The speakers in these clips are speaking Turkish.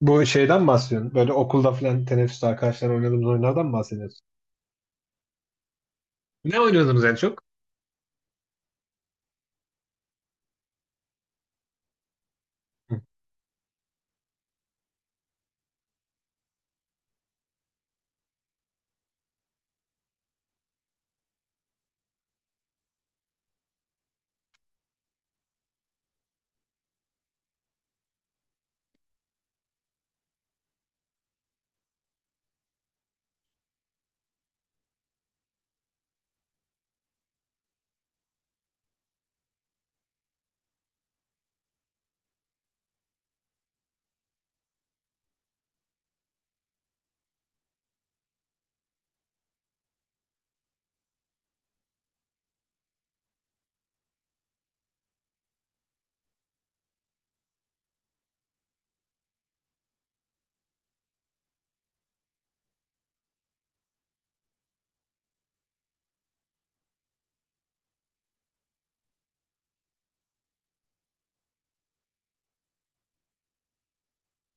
Bu şeyden mi bahsediyorsun? Böyle okulda falan teneffüste arkadaşlar oynadığımız oyunlardan mı bahsediyorsun? Ne oynuyordunuz en çok? Hı.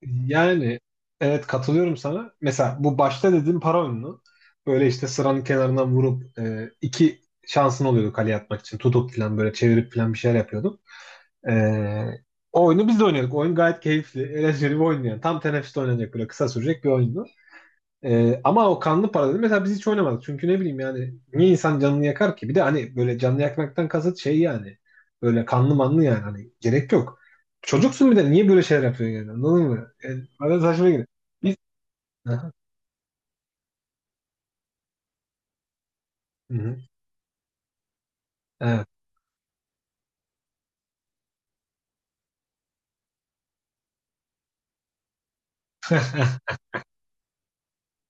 Yani evet, katılıyorum sana. Mesela bu başta dediğim para oyunu. Böyle işte sıranın kenarından vurup iki şansın oluyordu kaleye atmak için. Tutup falan böyle çevirip falan bir şeyler yapıyorduk. E, O oyunu biz de oynuyorduk. Oyun gayet keyifli. Eğlenceli bir oyun yani. Tam teneffüste oynanacak böyle kısa sürecek bir oyundu. Ama o kanlı para dedim. Mesela biz hiç oynamadık. Çünkü ne bileyim yani, niye insan canını yakar ki? Bir de hani böyle canını yakmaktan kasıt şey yani. Böyle kanlı manlı yani. Hani gerek yok. Çocuksun bir de, niye böyle şeyler yapıyorsun yani? Anladın mı? Yani bana saçma geliyor. Biz... Aha, hı hı, evet.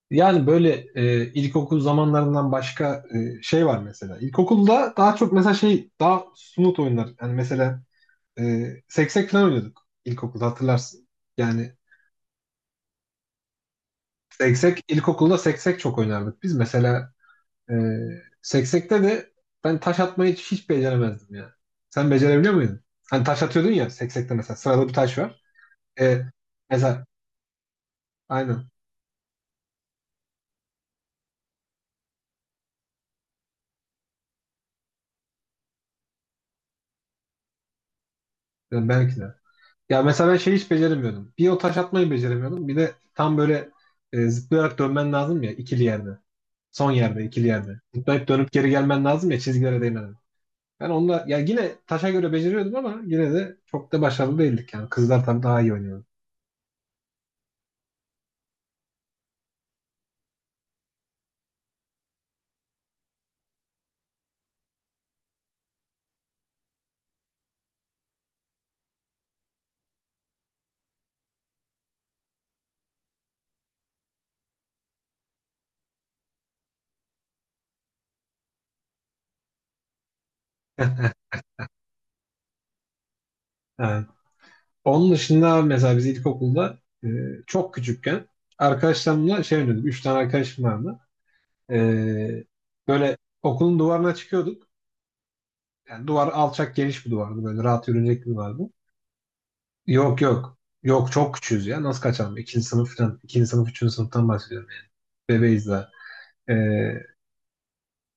Yani böyle ilkokul zamanlarından başka şey var mesela. İlkokulda daha çok mesela şey, daha snoot oyunlar. Yani mesela e, seksek falan oynuyorduk ilkokulda, hatırlarsın. Yani seksek, ilkokulda seksek çok oynardık. Biz mesela e, seksekte de ben taş atmayı hiç, hiç beceremezdim ya. Sen becerebiliyor muydun? Hani taş atıyordun ya seksekte, mesela sıralı bir taş var. E, Mesela aynen. Yani belki de. Ya mesela ben şeyi hiç beceremiyordum. Bir, o taş atmayı beceremiyordum. Bir de tam böyle zıplayarak dönmen lazım ya ikili yerde. Son yerde, ikili yerde. Zıplayıp dönüp geri gelmen lazım ya, çizgilere değmeden. Ben onunla ya yine taşa göre beceriyordum, ama yine de çok da başarılı değildik yani. Kızlar tabii daha iyi oynuyordu. Yani onun dışında mesela biz ilkokulda e, çok küçükken arkadaşlarımla şey oynuyorduk. Üç tane arkadaşım vardı. E, Böyle okulun duvarına çıkıyorduk. Yani duvar alçak, geniş bir duvardı. Böyle rahat yürünecek bir duvardı. Yok yok. Yok, çok küçüğüz ya. Nasıl kaçalım? İkinci sınıf falan. İkinci sınıf, üçüncü sınıftan bahsediyorum. Bebeğiz daha. E,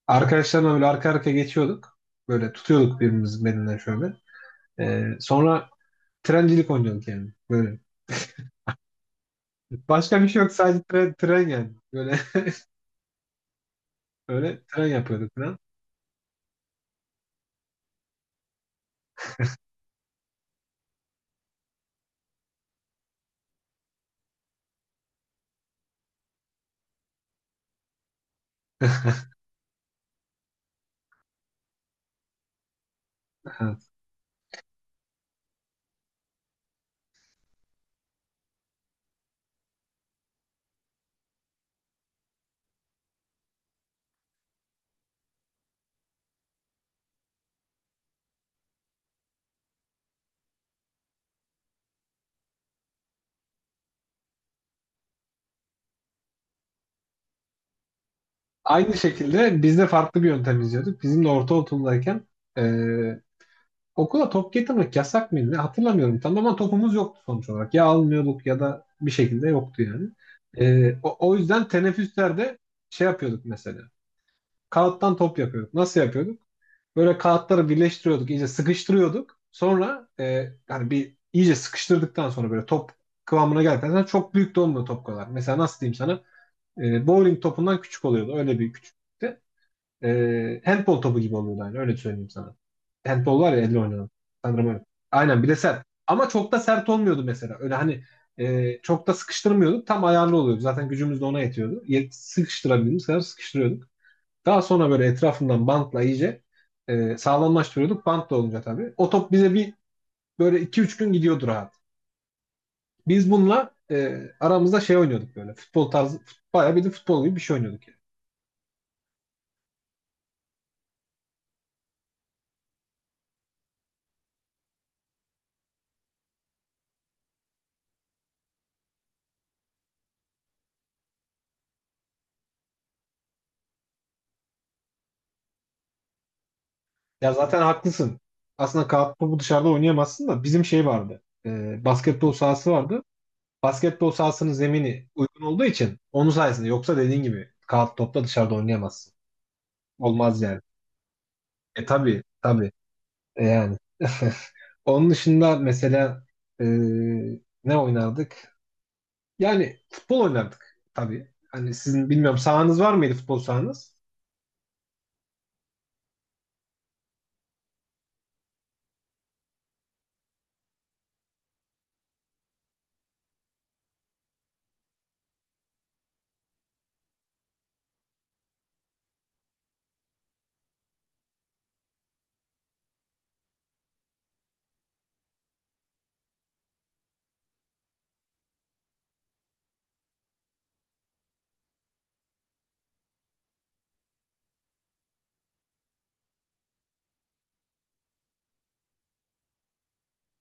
Arkadaşlarımla böyle arka arkaya geçiyorduk. Böyle tutuyorduk birbirimizin belinden şöyle. Sonra trencilik oynuyorduk yani. Böyle. Başka bir şey yok. Sadece tren, tren yani. Böyle böyle tren yapıyordu tren. Evet. Aynı şekilde biz de farklı bir yöntem izliyorduk. Bizim de ortaokuldayken e, okula top getirmek yasak mıydı? Hatırlamıyorum tam, ama topumuz yoktu sonuç olarak. Ya almıyorduk ya da bir şekilde yoktu yani. E, o yüzden teneffüslerde şey yapıyorduk mesela. Kağıttan top yapıyorduk. Nasıl yapıyorduk? Böyle kağıtları birleştiriyorduk, iyice sıkıştırıyorduk. Sonra hani bir iyice sıkıştırdıktan sonra böyle top kıvamına geldikten sonra, çok büyük de olmuyor, top kadar. Mesela nasıl diyeyim sana? Bowling topundan küçük oluyordu. Öyle bir küçüklükte. Handball topu gibi oluyordu yani. Öyle söyleyeyim sana. Handball var ya, elle oynanan. Sanırım öyle. Aynen, bir de sert. Ama çok da sert olmuyordu mesela. Öyle hani çok da sıkıştırmıyorduk. Tam ayarlı oluyordu. Zaten gücümüz de ona yetiyordu. Sıkıştırabildiğimiz kadar sıkıştırıyorduk. Daha sonra böyle etrafından bantla iyice sağlamlaştırıyorduk. Bant da olunca tabii. O top bize bir böyle iki üç gün gidiyordu rahat. Biz bununla aramızda şey oynuyorduk, böyle. Futbol tarzı, bayağı bir de futbol gibi bir şey oynuyorduk. Ya zaten haklısın. Aslında kağıt topu dışarıda oynayamazsın, da bizim şey vardı. E, basketbol sahası vardı. Basketbol sahasının zemini uygun olduğu için, onun sayesinde, yoksa dediğin gibi kağıt topla dışarıda oynayamazsın. Olmaz yani. E tabii tabii. Yani. Onun dışında mesela e, ne oynardık? Yani futbol oynardık tabii. Hani sizin bilmiyorum, sahanız var mıydı, futbol sahanız?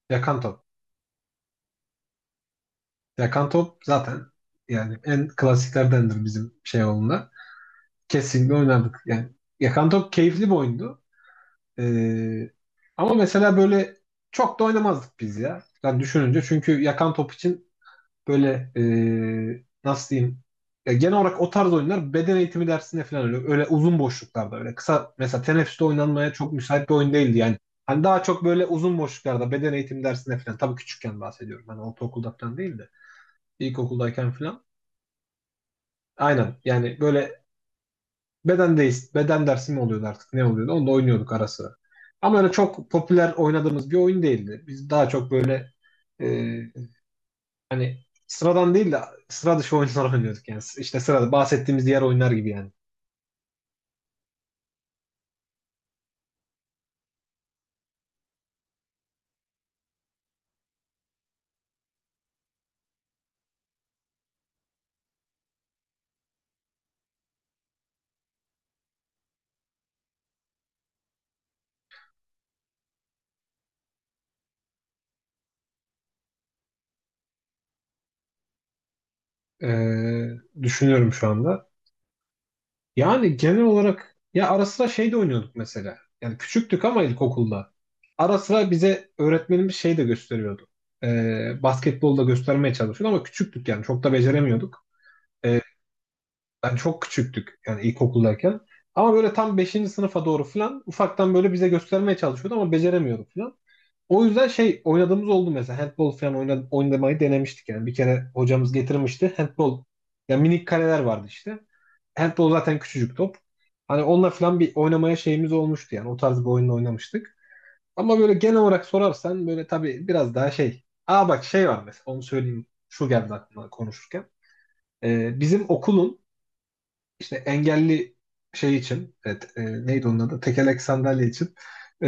Yakan top. Yakan top zaten yani en klasiklerdendir bizim şey olduğunda. Kesinlikle oynardık. Yani yakan top keyifli bir oyundu. Ee, Ama mesela böyle çok da oynamazdık biz ya. Yani düşününce, çünkü yakan top için böyle nasıl diyeyim, ya genel olarak o tarz oyunlar beden eğitimi dersinde falan, öyle, öyle uzun boşluklarda, öyle kısa mesela teneffüste oynanmaya çok müsait bir oyun değildi yani. Hani daha çok böyle uzun boşluklarda, beden eğitimi dersinde falan, tabii küçükken bahsediyorum. Hani ortaokulda falan değil de ilkokuldayken falan. Aynen yani böyle beden değil, beden dersi mi oluyordu artık, ne oluyordu? Onu da oynuyorduk ara sıra. Ama öyle çok popüler oynadığımız bir oyun değildi. Biz daha çok böyle e, hani sıradan değil de sıra dışı oyunlar oynuyorduk yani. İşte sırada bahsettiğimiz diğer oyunlar gibi yani. Düşünüyorum şu anda. Yani genel olarak ya ara sıra şey de oynuyorduk mesela. Yani küçüktük, ama ilkokulda. Ara sıra bize öğretmenimiz şey de gösteriyordu. Basketbol da göstermeye çalışıyordu, ama küçüktük yani, çok da beceremiyorduk. E, Yani çok küçüktük yani ilkokuldayken. Ama böyle tam beşinci sınıfa doğru falan ufaktan böyle bize göstermeye çalışıyordu, ama beceremiyordu falan. O yüzden şey oynadığımız oldu mesela, handball falan oynamayı denemiştik yani. Bir kere hocamız getirmişti handball. Yani minik kaleler vardı işte. Handball zaten küçücük top. Hani onunla falan bir oynamaya şeyimiz olmuştu yani. O tarz bir oyunla oynamıştık. Ama böyle genel olarak sorarsan, böyle tabii biraz daha şey. Aa, bak, şey var mesela, onu söyleyeyim. Şu geldi aklıma konuşurken. Bizim okulun işte engelli şey için, evet, neydi onun adı? Tekerlek sandalye için e,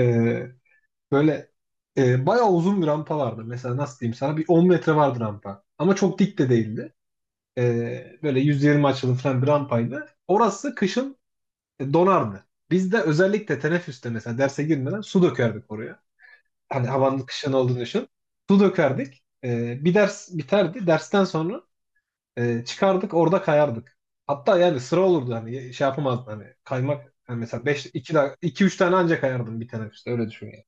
böyle bayağı uzun bir rampa vardı. Mesela nasıl diyeyim sana, bir 10 metre vardı rampa. Ama çok dik de değildi. Böyle 120 açılı falan bir rampaydı. Orası kışın donardı. Biz de özellikle teneffüste mesela derse girmeden su dökerdik oraya. Hani havanın kışın olduğunu düşün. Su dökerdik. Bir ders biterdi. Dersten sonra çıkardık orada kayardık. Hatta yani sıra olurdu, hani şey yapamazdın hani kaymak yani, mesela 5, 2, 2, 3 tane anca kayardım bir teneffüste, öyle düşün yani.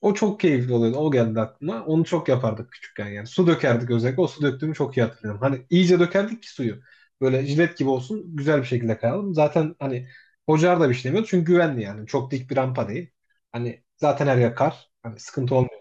O çok keyifli oluyordu. O geldi aklıma. Onu çok yapardık küçükken yani. Su dökerdik özellikle. O su döktüğümü çok iyi hatırlıyorum. Hani iyice dökerdik ki suyu. Böyle jilet gibi olsun. Güzel bir şekilde kayalım. Zaten hani hocalar da bir şey demiyordu. Çünkü güvenli yani. Çok dik bir rampa değil. Hani zaten her yer kar. Hani sıkıntı olmuyor.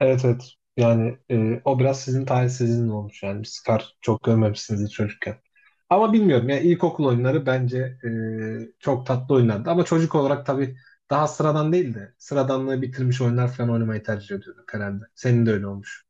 Evet evet. Yani o biraz sizin talihsizliğiniz olmuş yani. Biz kar çok görmemişsiniz hiç çocukken. Ama bilmiyorum ya, ilkokul oyunları bence çok tatlı oynardı. Ama çocuk olarak tabii daha sıradan değil de sıradanlığı bitirmiş oyunlar falan oynamayı tercih ediyorduk herhalde. Senin de öyle olmuş.